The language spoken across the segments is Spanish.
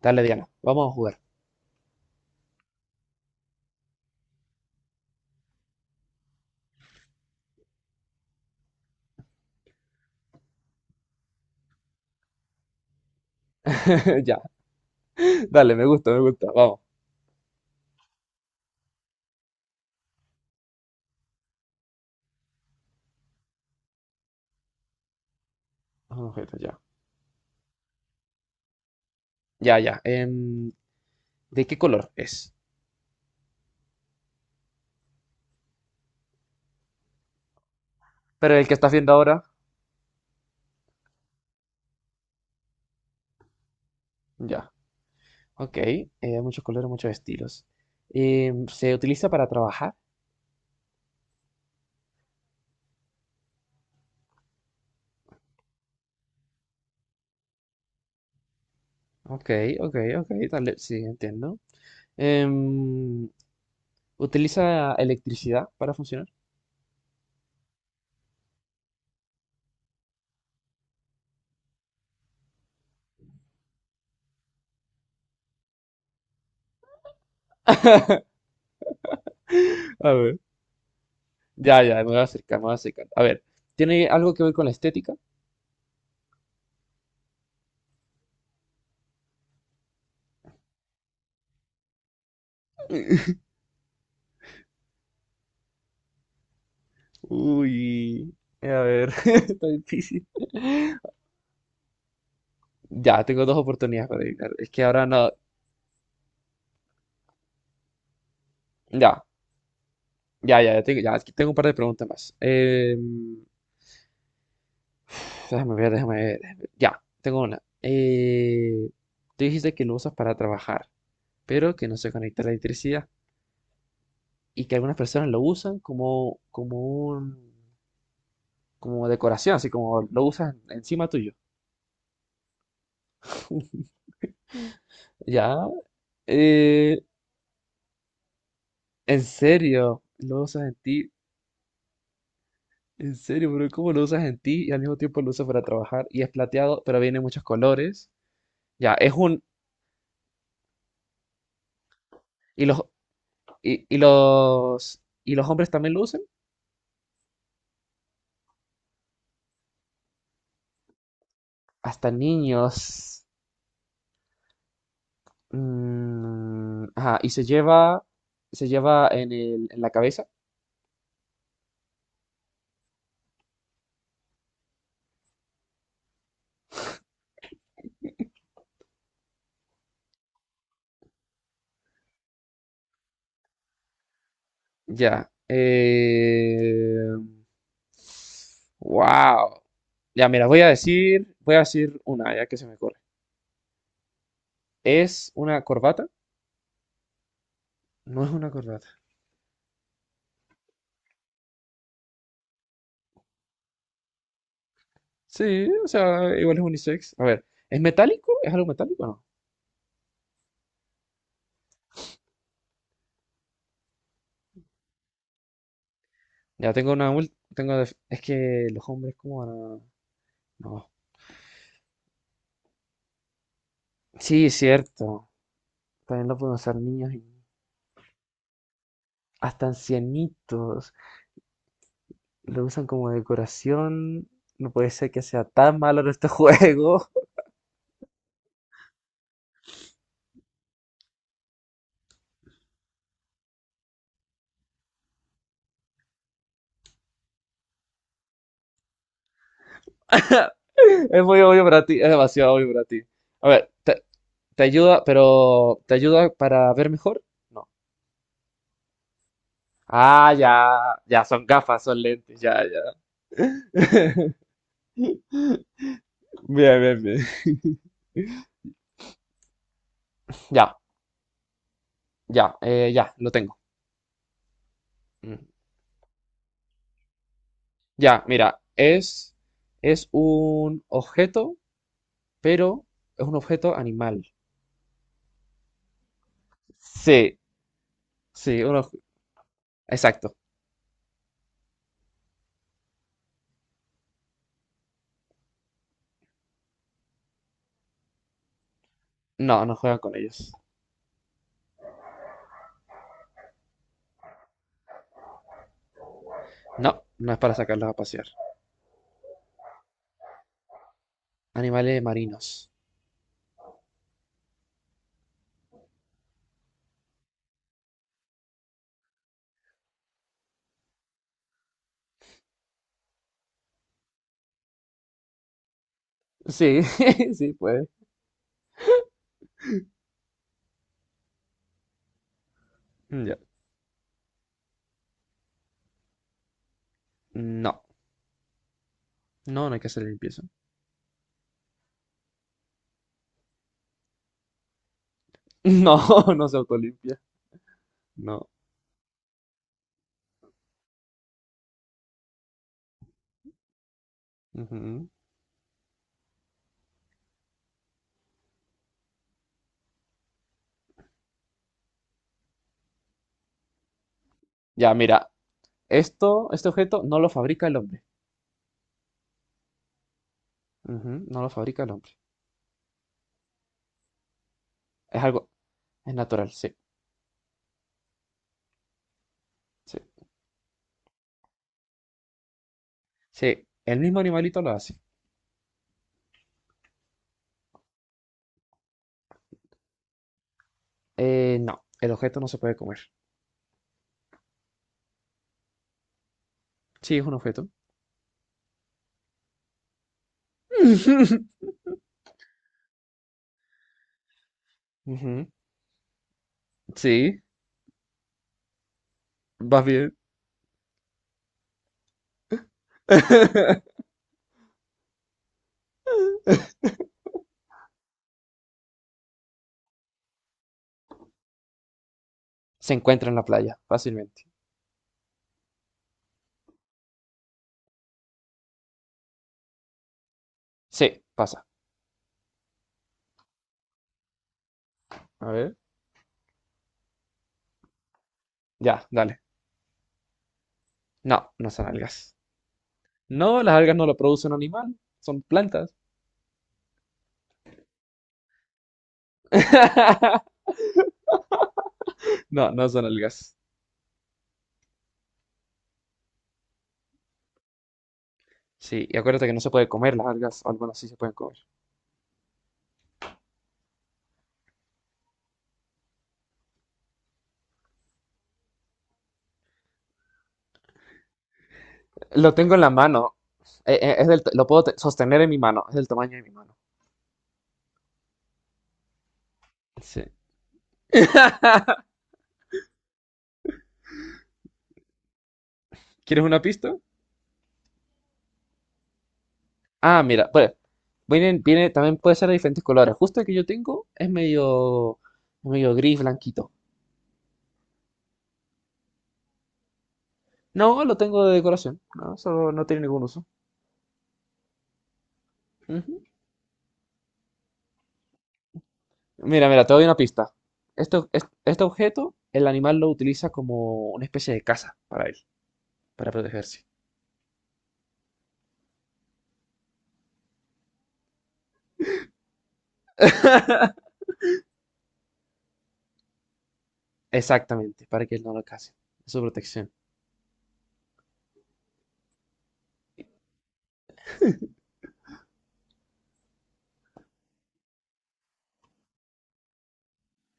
Dale, Diana, vamos a jugar. Ya, dale, me gusta, vamos. Ah, objeto, ya. Ya. ¿De qué color es? Pero el que estás viendo ahora, ya. Ok, hay muchos colores, muchos estilos. ¿Se utiliza para trabajar? Ok, ok, ok, dale, sí, entiendo. Em, ¿Utiliza electricidad para funcionar? A ver. Ya, ya, me voy a acercar. A ver, ¿tiene algo que ver con la estética? Uy, a ver, está difícil. Ya, tengo dos oportunidades para adivinar. Es que ahora no. Ya, ya tengo, ya, aquí tengo un par de preguntas más. Déjame ver. Ya, tengo una. Tú dijiste que lo usas para trabajar, pero que no se conecta a la electricidad, y que algunas personas lo usan como un, como decoración, así como lo usan encima tuyo. Ya, eh, en serio, lo usas en ti. En serio, pero ¿cómo lo usas en ti y al mismo tiempo lo usas para trabajar? Y es plateado, pero viene en muchos colores. Ya, es un... Y los, y los hombres también lo usan. Hasta niños. Mm, ajá, y se lleva en el, en la cabeza. Ya. Eh, wow. Ya, mira, voy a decir una, ya que se me corre. Es una corbata. No es una corbata. Sí, o sea, igual es unisex. A ver, ¿es metálico? ¿Es algo metálico o no? Ya tengo una mul- tengo def- es que los hombres como van a- No. Sí, es cierto. También lo pueden usar niños y hasta ancianitos. Lo usan como decoración. No puede ser que sea tan malo en este juego. Es muy obvio para ti, es demasiado obvio para ti. A ver, te ayuda, pero ¿te ayuda para ver mejor? No. Ah, ya, ya, son gafas, son lentes, ya, ya. Bien, bien, bien. Ya, ya, ya, lo tengo. Mm. Ya, mira, es un objeto, pero es un objeto animal. Sí, sí, un obje- exacto. No, no juegan con ellos. No, no es para sacarlos a pasear. Animales marinos. Sí, sí, puede. Ya. No, no, no hay que hacer limpieza. No, no se autolimpia. No. Ujú. Ya, mira, esto, este objeto no lo fabrica el hombre. Ujú, no lo fabrica el hombre. Es algo, es natural, sí, sí. Sí, el mismo animalito lo hace. No, el objeto no se puede comer. Sí, es un objeto. Ujú, sí, vas bien. Se encuentra en la playa, fácilmente. Sí, pasa. A ver. Ya, dale. No, no son algas. No, las algas no lo produce un animal, son plantas. No, no son algas. Sí, y acuérdate que no se puede comer las algas, o algunas sí se pueden comer. Lo tengo en la mano. Es del, t- lo puedo te- sostener en mi mano, es del tamaño de mi mano. Sí. ¿Quieres una pista? Ah, mira, pues, viene, también puede ser de diferentes colores. Justo el que yo tengo es medio, medio gris, blanquito. No, lo tengo de decoración. No, solo no tiene ningún uso. Ujú. Mira, te doy una pista. Esto, es- este objeto, el animal lo utiliza como una especie de casa para él, para protegerse. Exactamente, para que él no lo case. Es su protección.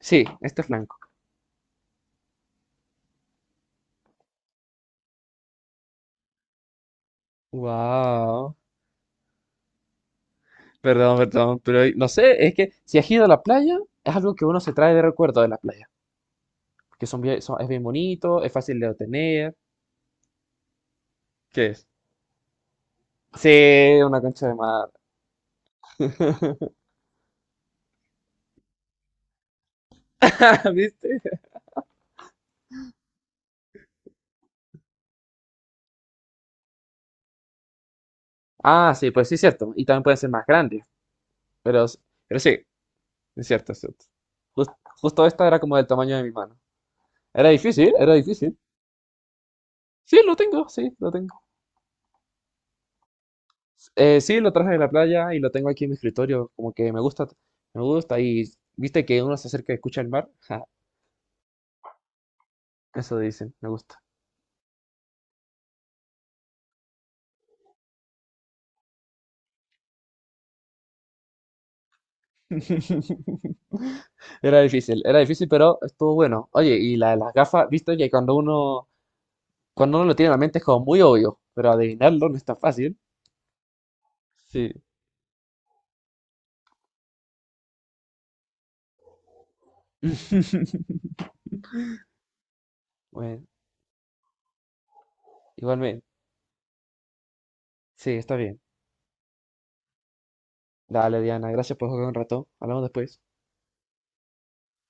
Sí, este es blanco. Wow. Perdón, perdón, pero no sé, es que si has ido a la playa, es algo que uno se trae de recuerdo de la playa, que son bien- son- es bien bonito, es fácil de obtener. ¿Qué es? Sí, una concha de mar. ¿Viste? Ah, sí, pues sí, es cierto. Y también pueden ser más grandes, pero, pero sí, es cierto, es cierto. Jus- justo esta era como del tamaño de mi mano. Era difícil. Sí, lo tengo, sí, lo tengo. Sí, lo traje de la playa y lo tengo aquí en mi escritorio, como que me gusta, me gusta. Y viste que uno se acerca y escucha el mar. Eso dicen, me gusta. Era difícil, pero estuvo bueno. Oye, y la, las gafas, viste que cuando uno lo tiene en la mente es como muy obvio, pero adivinarlo no es tan fácil. Sí. Bueno, igualmente. Sí, está bien. Dale, Diana, gracias por jugar un rato. Hablamos después.